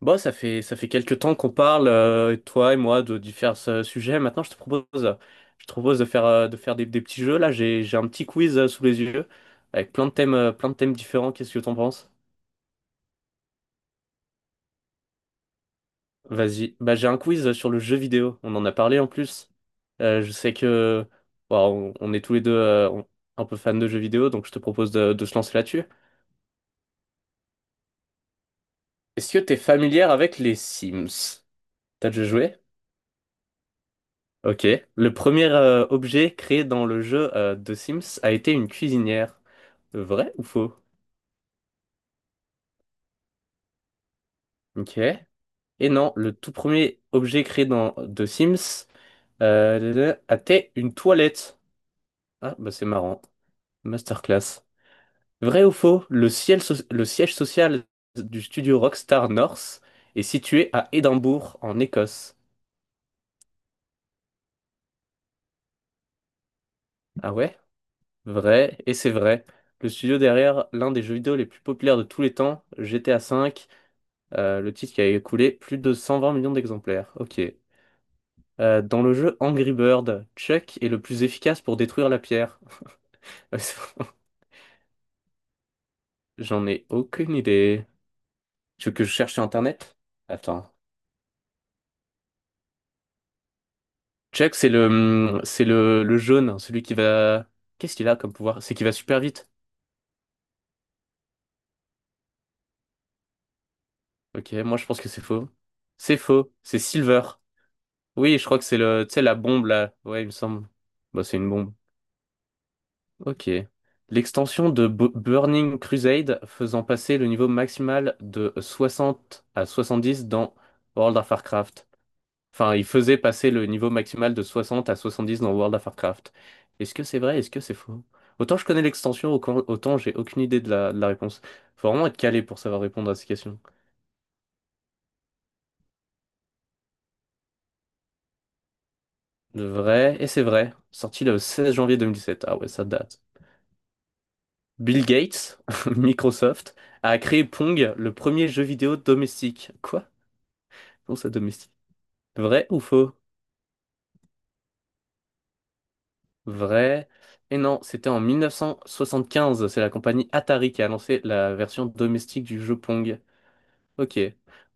Bon, ça fait quelques temps qu'on parle, toi et moi, de différents sujets. Maintenant, je te propose de faire des petits jeux. Là, j'ai un petit quiz sous les yeux avec plein de thèmes différents. Qu'est-ce que t'en penses? Vas-y. Bah, j'ai un quiz sur le jeu vidéo. On en a parlé en plus. Je sais que bon, on est tous les deux un peu fans de jeux vidéo, donc je te propose de se lancer là-dessus. Est-ce que t'es familière avec les Sims? T'as déjà joué? Ok. Le premier objet créé dans le jeu de Sims a été une cuisinière. Vrai ou faux? Ok. Et non, le tout premier objet créé dans The Sims a été une toilette. Ah, bah c'est marrant. Masterclass. Vrai ou faux? Le siège social du studio Rockstar North est situé à Édimbourg, en Écosse. Ah ouais? Vrai, et c'est vrai. Le studio derrière l'un des jeux vidéo les plus populaires de tous les temps, GTA V. Le titre qui a écoulé plus de 120 millions d'exemplaires. Ok. Dans le jeu Angry Bird, Chuck est le plus efficace pour détruire la pierre. J'en ai aucune idée. Tu veux que je cherche sur Internet? Attends. Chuck, c'est le, le jaune, hein, celui qui va... Qu'est-ce qu'il a comme pouvoir? C'est qu'il va super vite. Ok, moi je pense que c'est faux. C'est faux, c'est Silver. Oui, je crois que c'est le, tu sais, la bombe là. Ouais, il me semble. Bah, c'est une bombe. Ok. L'extension de Burning Crusade faisant passer le niveau maximal de 60 à 70 dans World of Warcraft. Enfin, il faisait passer le niveau maximal de 60 à 70 dans World of Warcraft. Est-ce que c'est vrai? Est-ce que c'est faux? Autant je connais l'extension, autant j'ai aucune idée de la réponse. Faut vraiment être calé pour savoir répondre à ces questions. Le vrai, et c'est vrai, sorti le 16 janvier 2017. Ah ouais, ça date. Bill Gates, Microsoft, a créé Pong, le premier jeu vidéo domestique. Quoi? Pour sa domestique. Vrai ou faux? Vrai. Et non, c'était en 1975. C'est la compagnie Atari qui a lancé la version domestique du jeu Pong. Ok.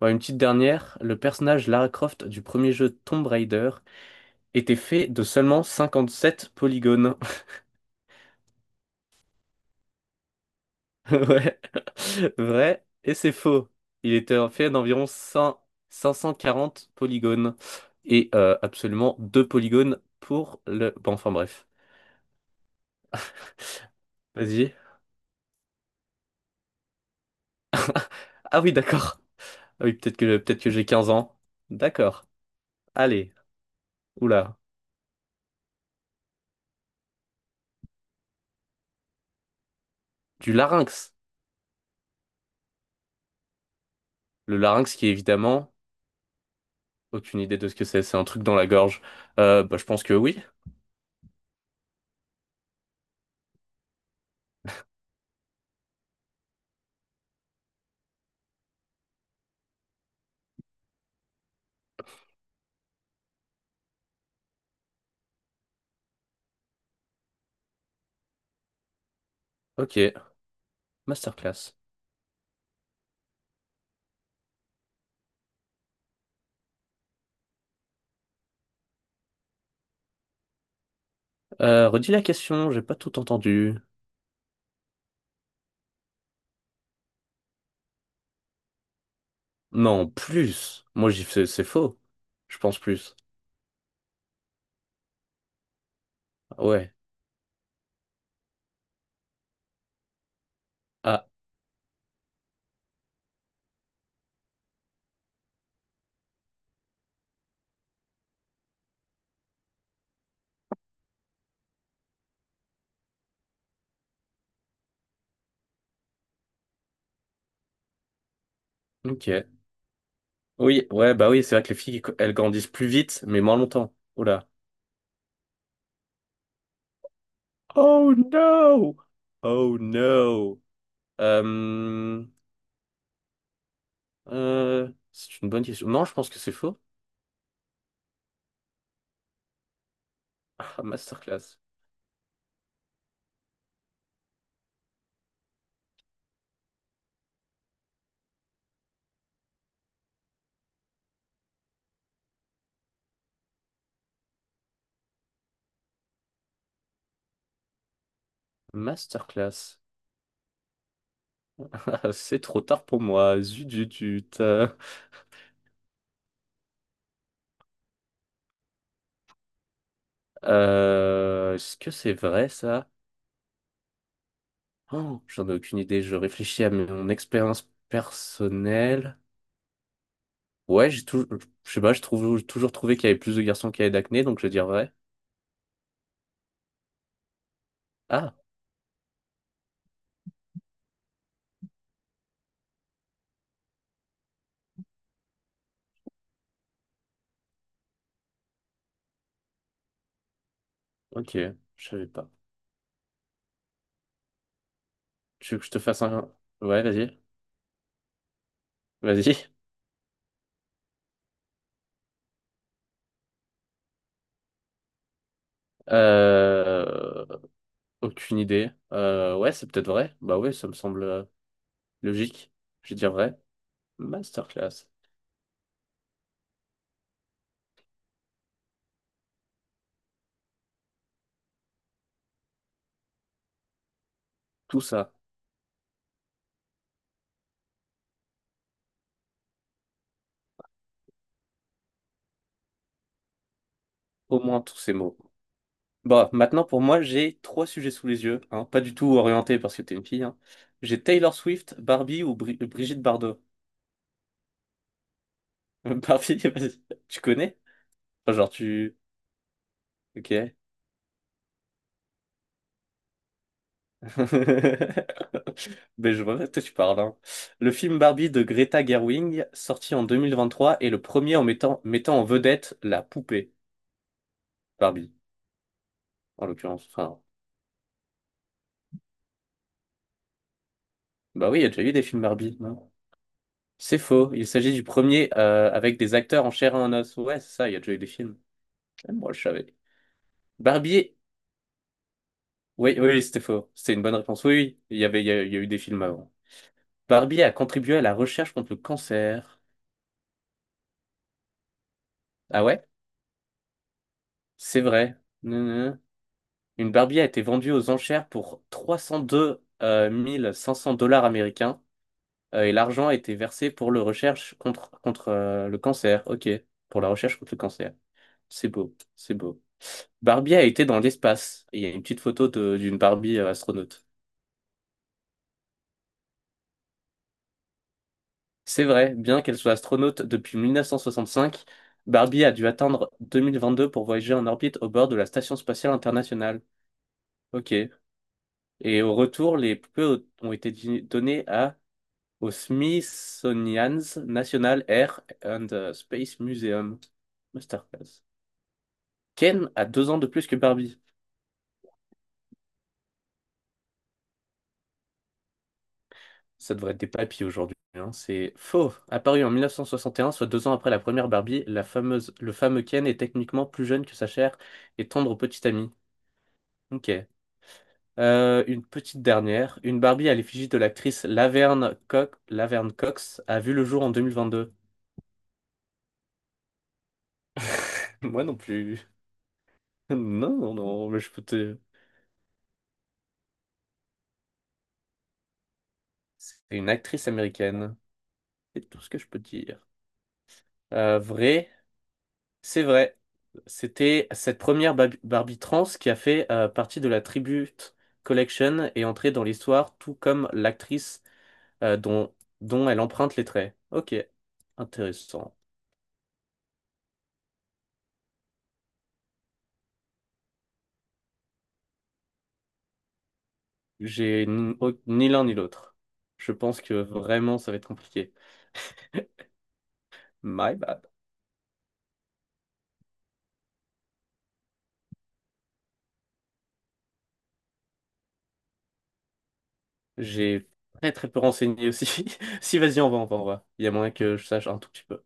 Bon, une petite dernière. Le personnage Lara Croft du premier jeu Tomb Raider était fait de seulement 57 polygones. Ouais. Vrai. Et c'est faux. Il était fait d'environ 5 540 polygones. Et absolument deux polygones pour le... Bon, enfin bref. Vas-y. Ah oui, d'accord. Ah oui, peut-être que j'ai 15 ans. D'accord. Allez. Oula. Du larynx. Le larynx qui est évidemment... Aucune idée de ce que c'est. C'est un truc dans la gorge. Bah, je pense que oui. Ok. Masterclass. Redis la question. J'ai pas tout entendu. Non, plus. Moi, j'y fais... C'est faux. Je pense plus. Ouais. Ah, ok. Oui, ouais, bah oui, c'est vrai que les filles, elles grandissent plus vite, mais moins longtemps. Oula. Oh no! Oh no! Euh, c'est une bonne question. Non, je pense que c'est faux. Ah, masterclass. Masterclass. C'est trop tard pour moi. Zut, zut, zut. Est-ce que c'est vrai ça? Oh, j'en ai aucune idée. Je réfléchis à mon expérience personnelle. Ouais, j'ai toujours, je sais pas, j'ai toujours trouvé qu'il y avait plus de garçons qui avaient d'acné, donc je vais dire vrai. Ah, ok, je savais pas. Tu veux que je te fasse un... Ouais, vas-y. Euh, aucune idée. Ouais, c'est peut-être vrai. Bah ouais, ça me semble. Logique, je vais dire vrai, masterclass, tout ça, au moins tous ces mots. Bon, maintenant pour moi, j'ai trois sujets sous les yeux, hein, pas du tout orienté parce que t'es une fille, hein. J'ai Taylor Swift, Barbie ou Brigitte Bardot. Barbie, vas-y, tu connais? Enfin, genre tu... Ok. Mais je vois de quoi tu parles, hein. Le film Barbie de Greta Gerwig, sorti en 2023, est le premier en mettant en vedette la poupée Barbie, en l'occurrence. Enfin, bah oui, il y a déjà eu des films Barbie, hein. C'est faux. Il s'agit du premier avec des acteurs en chair et en os. Ouais, c'est ça, il y a déjà eu des films. Ah, moi, je savais. Barbier. Oui, oui, oui, c'était faux. C'était une bonne réponse. Oui, oui, il y a eu des films avant. Barbier a contribué à la recherche contre le cancer. Ah ouais? C'est vrai. Non, non, non. Une Barbie a été vendue aux enchères pour 302 500 dollars américains et l'argent a été versé pour le recherche contre le cancer. Ok, pour la recherche contre le cancer. C'est beau, c'est beau. Barbie a été dans l'espace. Il y a une petite photo d'une Barbie astronaute. C'est vrai, bien qu'elle soit astronaute depuis 1965, Barbie a dû attendre 2022 pour voyager en orbite au bord de la Station spatiale internationale. Ok. Et au retour, les poupées ont été données à au Smithsonian's National Air and Space Museum. Masterclass. Ken a deux ans de plus que Barbie. Ça devrait être des papis aujourd'hui, hein. C'est faux. Apparu en 1961, soit deux ans après la première Barbie, le fameux Ken est techniquement plus jeune que sa chère et tendre petite amie. Ok. Une petite dernière. Une Barbie à l'effigie de l'actrice Laverne Cox, Laverne Cox a vu le jour en 2022. Moi non plus. Non, non, non, mais je peux te... C'est une actrice américaine. C'est tout ce que je peux te dire. Vrai. C'est vrai. C'était cette première Barbie trans qui a fait partie de la Tribute Collection et entrée dans l'histoire, tout comme l'actrice euh, dont, dont elle emprunte les traits. Ok, intéressant. J'ai ni, ni l'un ni l'autre. Je pense que vraiment ça va être compliqué. My bad. J'ai très très peu renseigné aussi. Si, vas-y, envoie. Il y a moyen que je sache un tout petit peu.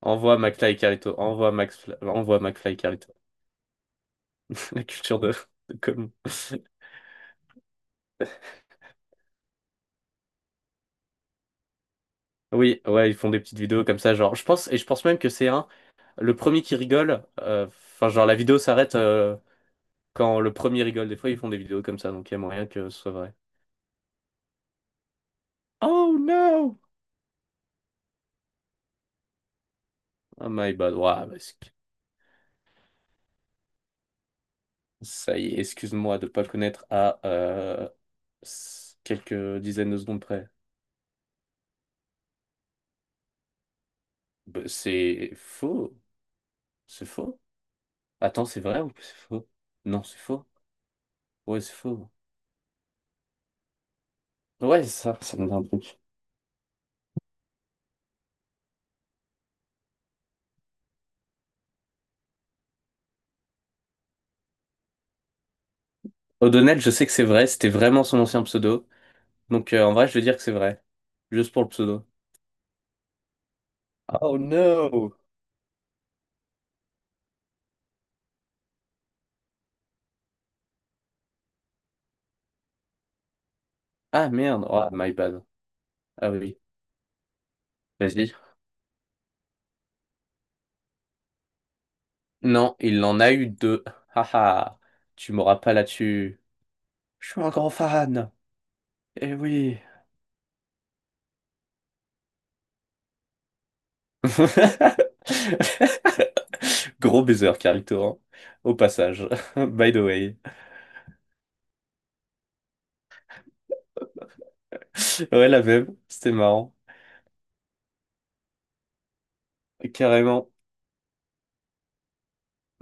Envoie McFly et Carlito. Envoie Max, envoie McFly et Carlito. La culture de com. Oui, ouais, ils font des petites vidéos comme ça, genre, je pense, et je pense même que c'est un, le premier qui rigole, enfin, genre, la vidéo s'arrête quand le premier rigole. Des fois, ils font des vidéos comme ça, donc il y a moyen que ce soit vrai. Oh no! Oh my bad. Ouah, bah, ça y est, excuse-moi de pas le connaître à s- quelques dizaines de secondes près. Bah, c'est faux, c'est faux. Attends, c'est vrai ou c'est faux? Non, c'est faux. Ouais, c'est faux. Ouais, ça me dit un truc. O'Donnell, je sais que c'est vrai, c'était vraiment son ancien pseudo. Donc en vrai, je vais dire que c'est vrai. Juste pour le pseudo. Oh no! Ah merde, oh my bad. Ah oui, vas-y. Non, il en a eu deux. Haha, tu m'auras pas là-dessus. Je suis un grand fan. Eh oui. Gros baiser, Carito, hein. Au passage. By the way. Ouais, la même. C'était marrant. Carrément.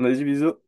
Vas-y, bisous.